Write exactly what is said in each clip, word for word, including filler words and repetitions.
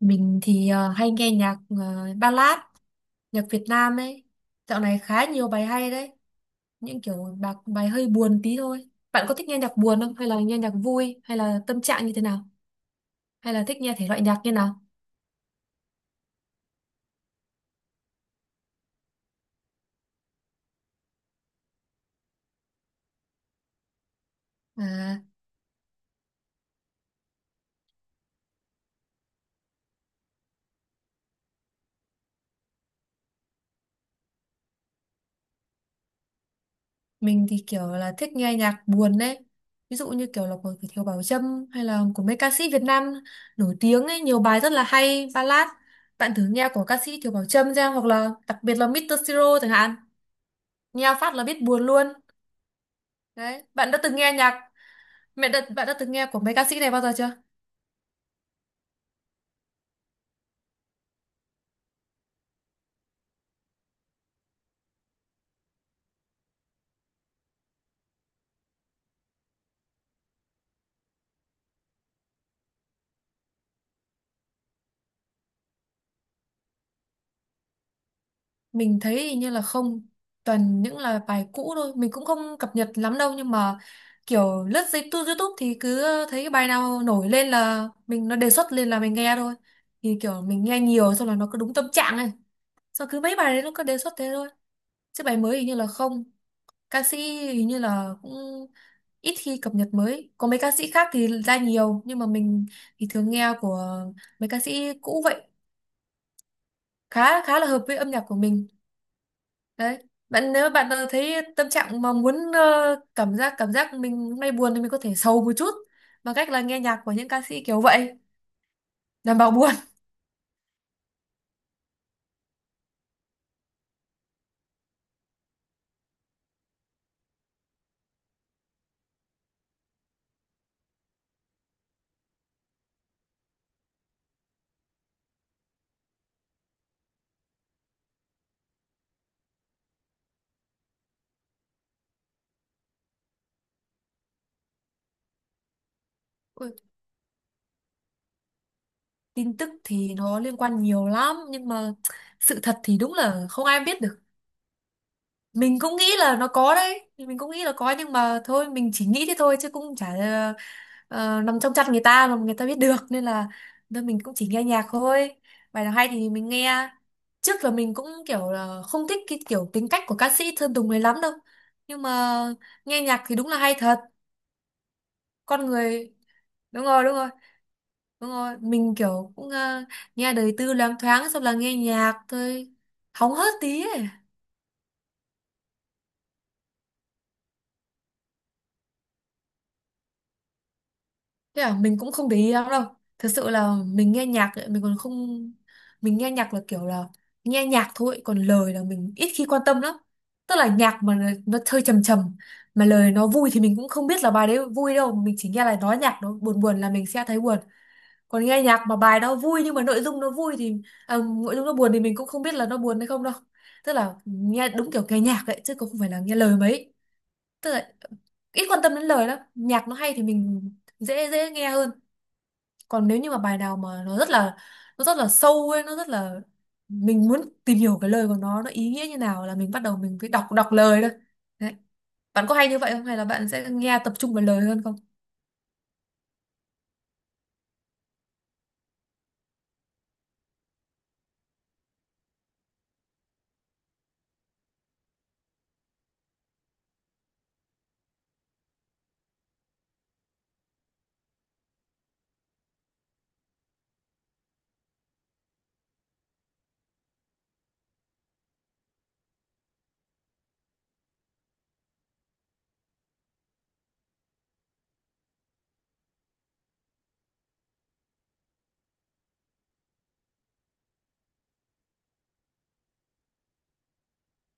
Mình thì ờ, hay nghe nhạc ờ, ballad, nhạc Việt Nam ấy. Dạo này khá nhiều bài hay đấy. Những kiểu bạc bài hơi buồn tí thôi. Bạn có thích nghe nhạc buồn không? Hay là nghe nhạc vui? Hay là tâm trạng như thế nào? Hay là thích nghe thể loại nhạc như nào? À, mình thì kiểu là thích nghe nhạc buồn đấy. Ví dụ như kiểu là của Thiều Bảo Trâm hay là của mấy ca sĩ Việt Nam nổi tiếng ấy. Nhiều bài rất là hay, ballad. Bạn thử nghe của ca sĩ Thiều Bảo Trâm ra, hoặc là đặc biệt là mít tờ Siro chẳng hạn. Nghe phát là biết buồn luôn. Đấy, bạn đã từng nghe nhạc mẹ đã, bạn đã từng nghe của mấy ca sĩ này bao giờ chưa? Mình thấy hình như là không, toàn những là bài cũ thôi, mình cũng không cập nhật lắm đâu, nhưng mà kiểu lướt dây tu- YouTube thì cứ thấy cái bài nào nổi lên là mình nó đề xuất lên là mình nghe thôi. Thì kiểu mình nghe nhiều xong là nó cứ đúng tâm trạng này. Xong cứ mấy bài đấy nó cứ đề xuất thế thôi. Chứ bài mới hình như là không. Ca sĩ hình như là cũng ít khi cập nhật mới. Có mấy ca sĩ khác thì ra nhiều, nhưng mà mình thì thường nghe của mấy ca sĩ cũ vậy, khá khá là hợp với âm nhạc của mình đấy. Bạn, nếu bạn ờ, thấy tâm trạng mà muốn ờ, cảm giác cảm giác mình hôm nay buồn, thì mình có thể sầu một chút bằng cách là nghe nhạc của những ca sĩ kiểu vậy, đảm bảo buồn. Ôi, tin tức thì nó liên quan nhiều lắm, nhưng mà sự thật thì đúng là không ai biết được. Mình cũng nghĩ là nó có đấy, mình cũng nghĩ là có, nhưng mà thôi, mình chỉ nghĩ thế thôi chứ cũng chả ờ, ờ, nằm trong chat người ta mà người ta biết được, nên là nên mình cũng chỉ nghe nhạc thôi, bài nào hay thì mình nghe. Trước là mình cũng kiểu là không thích cái kiểu tính cách của ca sĩ Sơn Tùng này lắm đâu, nhưng mà nghe nhạc thì đúng là hay thật. Con người. Đúng rồi, đúng rồi, đúng rồi. Mình kiểu cũng ờ, nghe đời tư loáng thoáng, xong là nghe nhạc thôi, hóng hớt tí ấy. Thế à, mình cũng không để ý lắm đâu. Thật sự là mình nghe nhạc ấy, mình còn không, mình nghe nhạc là kiểu là nghe nhạc thôi, còn lời là mình ít khi quan tâm lắm. Tức là nhạc mà nó nó hơi trầm trầm mà lời nó vui thì mình cũng không biết là bài đấy vui đâu, mình chỉ nghe là nói nhạc nó buồn buồn là mình sẽ thấy buồn. Còn nghe nhạc mà bài đó vui nhưng mà nội dung nó vui thì à, nội dung nó buồn thì mình cũng không biết là nó buồn hay không đâu. Tức là nghe đúng kiểu nghe nhạc ấy, chứ cũng không phải là nghe lời mấy. Tức là ít quan tâm đến lời lắm. Nhạc nó hay thì mình dễ dễ nghe hơn. Còn nếu như mà bài nào mà nó rất là nó rất là sâu ấy, nó rất là mình muốn tìm hiểu cái lời của nó nó ý nghĩa như nào, là mình bắt đầu mình phải đọc đọc lời thôi. Đấy, bạn có hay như vậy không, hay là bạn sẽ nghe tập trung vào lời hơn? Không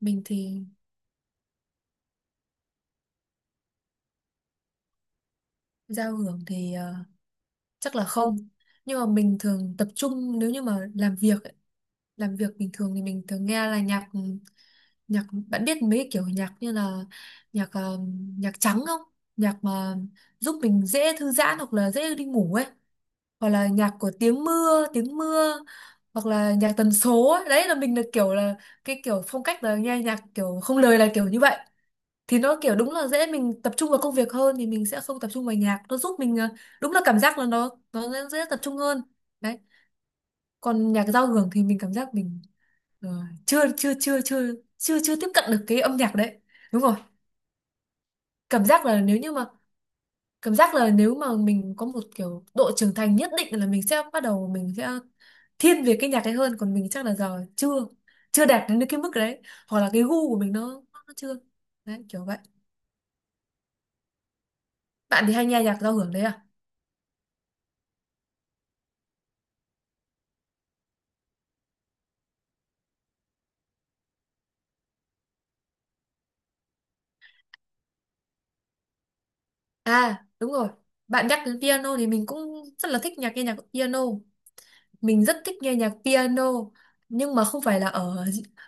mình thì giao hưởng thì ờ, chắc là không, nhưng mà mình thường tập trung nếu như mà làm việc ấy, làm việc bình thường thì mình thường nghe là nhạc ừ, nhạc, bạn biết mấy cái kiểu nhạc như là nhạc ờ, nhạc trắng không? Nhạc mà giúp mình dễ thư giãn hoặc là dễ đi ngủ ấy, hoặc là nhạc của tiếng mưa tiếng mưa, hoặc là nhạc tần số ấy. Đấy là mình là kiểu là cái kiểu phong cách là nghe nhạc kiểu không lời là kiểu như vậy. Thì nó kiểu đúng là dễ mình tập trung vào công việc hơn, thì mình sẽ không tập trung vào nhạc, nó giúp mình à, đúng là cảm giác là nó nó dễ, dễ tập trung hơn đấy. Còn nhạc giao hưởng thì mình cảm giác mình ờ, chưa chưa chưa chưa chưa chưa tiếp cận được cái âm nhạc đấy. Đúng rồi, cảm giác là nếu như mà cảm giác là nếu mà mình có một kiểu độ trưởng thành nhất định, là mình sẽ bắt đầu, mình sẽ thiên về cái nhạc ấy hơn, còn mình chắc là giờ chưa chưa đạt đến cái mức đấy, hoặc là cái gu của mình nó, nó chưa, đấy kiểu vậy. Bạn thì hay nghe nhạc giao hưởng đấy à? À, đúng rồi, bạn nhắc đến piano thì mình cũng rất là thích nhạc nghe nhạc piano, mình rất thích nghe nhạc piano, nhưng mà không phải là ở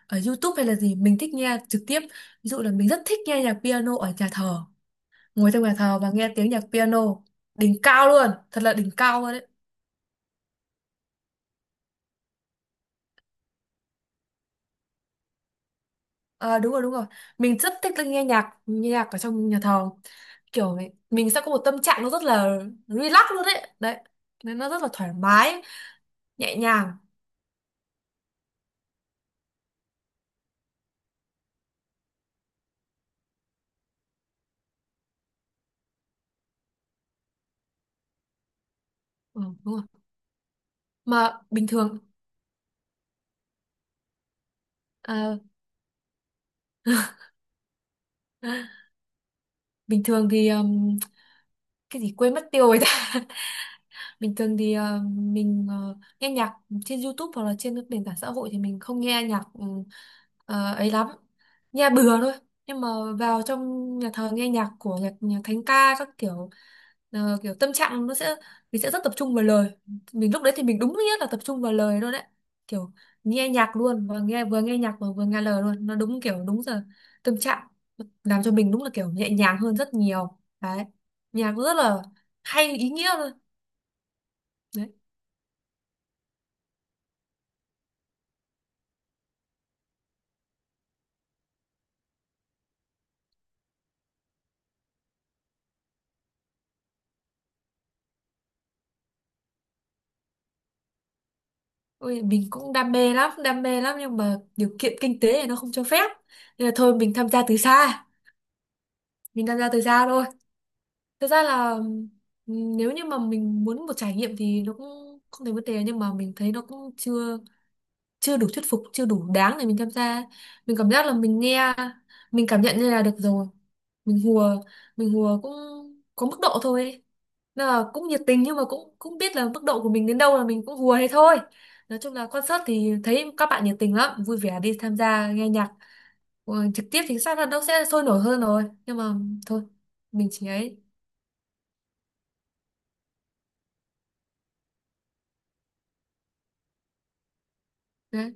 ở YouTube hay là gì, mình thích nghe trực tiếp. Ví dụ là mình rất thích nghe nhạc piano ở nhà thờ, ngồi trong nhà thờ và nghe tiếng nhạc piano, đỉnh cao luôn, thật là đỉnh cao luôn đấy. À, đúng rồi, đúng rồi, mình rất thích là nghe nhạc nghe nhạc ở trong nhà thờ, kiểu mình, mình sẽ có một tâm trạng nó rất là relax luôn đấy đấy, nên nó rất là thoải mái, nhẹ nhàng. Ừ, đúng rồi. Mà bình thường à, bình thường thì um, cái gì quên mất tiêu rồi ta. Bình thường thì ờ, mình ờ, nghe nhạc trên YouTube hoặc là trên các nền tảng xã hội thì mình không nghe nhạc ừ, ờ, ấy lắm, nghe bừa thôi. Nhưng mà vào trong nhà thờ nghe nhạc của nhạc, nhạc thánh ca các kiểu, ờ, kiểu tâm trạng nó sẽ mình sẽ rất tập trung vào lời. Mình lúc đấy thì mình đúng nghĩa là tập trung vào lời luôn đấy, kiểu nghe nhạc luôn, và nghe vừa nghe nhạc và vừa nghe lời luôn, nó đúng kiểu đúng giờ tâm trạng, làm cho mình đúng là kiểu nhẹ nhàng hơn rất nhiều đấy. Nhạc rất là hay, ý nghĩa luôn đấy. Ôi, mình cũng đam mê lắm, đam mê lắm, nhưng mà điều kiện kinh tế thì nó không cho phép. Nên là thôi, mình tham gia từ xa, mình tham gia từ xa thôi. Thực ra là ừm, nếu như mà mình muốn một trải nghiệm thì nó cũng không thành vấn đề, nhưng mà mình thấy nó cũng chưa chưa đủ thuyết phục, chưa đủ đáng để mình tham gia. Mình cảm giác là mình nghe mình cảm nhận như là được rồi, mình hùa mình hùa cũng có mức độ thôi ấy. Nên là cũng nhiệt tình, nhưng mà cũng cũng biết là mức độ của mình đến đâu, là mình cũng hùa thế thôi. Nói chung là concert thì thấy các bạn nhiệt tình lắm, vui vẻ đi tham gia nghe nhạc. Ừ, trực tiếp thì chắc là nó sẽ sôi nổi hơn rồi, nhưng mà thôi, mình chỉ ấy đấy.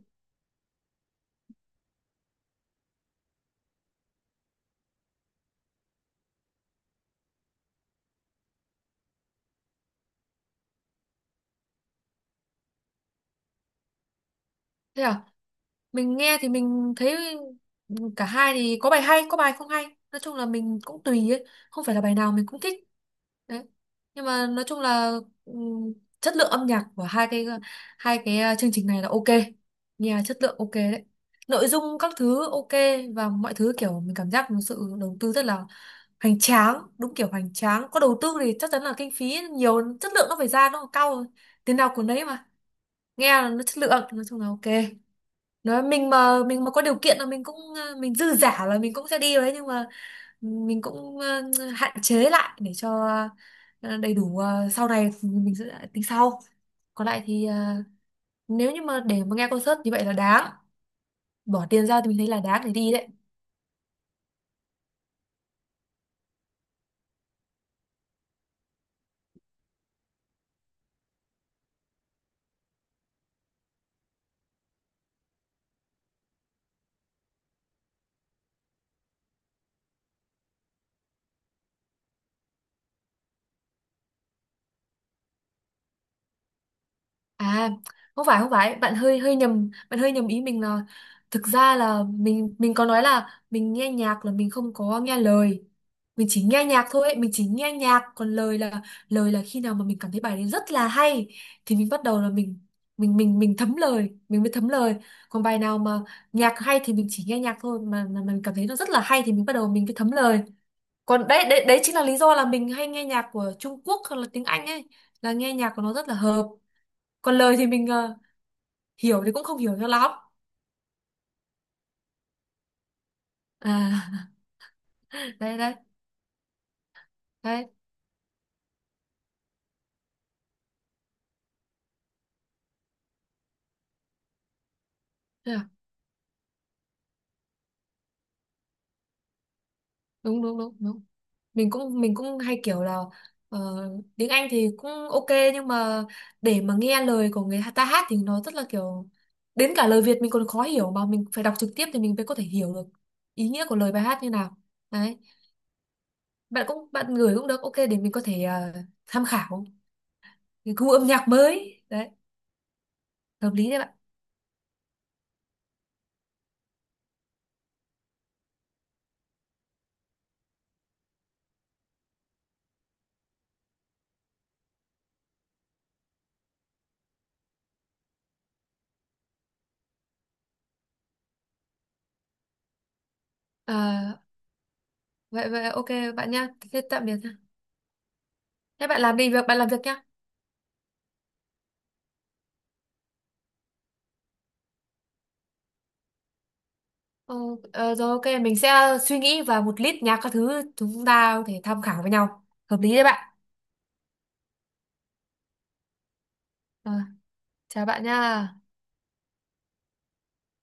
Thế à, mình nghe thì mình thấy cả hai thì có bài hay có bài không hay. Nói chung là mình cũng tùy ấy, không phải là bài nào mình cũng thích đấy, nhưng mà nói chung là ừm, chất lượng âm nhạc của hai cái hai cái ờ, chương trình này là ok, nghe chất lượng ok đấy, nội dung các thứ ok, và mọi thứ kiểu mình cảm giác một sự đầu tư rất là hoành tráng, đúng kiểu hoành tráng. Có đầu tư thì chắc chắn là kinh phí nhiều, chất lượng nó phải ra nó cao, tiền nào của nấy mà. Nghe là nó chất lượng, nói chung là ok. Nói mình mà mình mà có điều kiện, là mình cũng ờ, mình dư giả là mình cũng sẽ đi đấy, nhưng mà mình cũng ờ, hạn chế lại để cho ờ, đầy đủ, ờ, sau này mình sẽ tính sau. Còn lại thì ờ, nếu như mà để mà nghe concert như vậy là đáng bỏ tiền ra, thì mình thấy là đáng để đi đấy. À, không phải không phải, bạn hơi hơi nhầm, bạn hơi nhầm ý mình là, thực ra là mình mình có nói là mình nghe nhạc là mình không có nghe lời. Mình chỉ nghe nhạc thôi, mình chỉ nghe nhạc, còn lời là lời là khi nào mà mình cảm thấy bài đấy rất là hay, thì mình bắt đầu là mình mình mình mình thấm lời, mình mới thấm lời. Còn bài nào mà nhạc hay thì mình chỉ nghe nhạc thôi, mà mà mình cảm thấy nó rất là hay, thì mình bắt đầu mình mới thấm lời. Còn đấy đấy đấy chính là lý do là mình hay nghe nhạc của Trung Quốc hoặc là tiếng Anh ấy, là nghe nhạc của nó rất là hợp, còn lời thì mình ờ, hiểu thì cũng không hiểu cho lắm. À, đấy đấy đấy. Thế à? Đúng đúng đúng đúng, mình cũng mình cũng hay kiểu là ờ, tiếng Anh thì cũng ok, nhưng mà để mà nghe lời của người ta hát thì nó rất là kiểu, đến cả lời Việt mình còn khó hiểu mà, mình phải đọc trực tiếp thì mình mới có thể hiểu được ý nghĩa của lời bài hát như nào. Đấy, bạn cũng bạn gửi cũng được ok, để mình có thể ờ, tham khảo cái gu âm nhạc mới đấy, hợp lý đấy bạn. Ờ, vậy vậy ok bạn nha, thế tạm biệt. Thế bạn làm đi việc, bạn làm việc nhá. Ờ, ờ, rồi ok, mình sẽ suy nghĩ và một list nhạc các thứ chúng ta có thể tham khảo với nhau. Hợp lý đấy bạn. Ờ, chào bạn nha.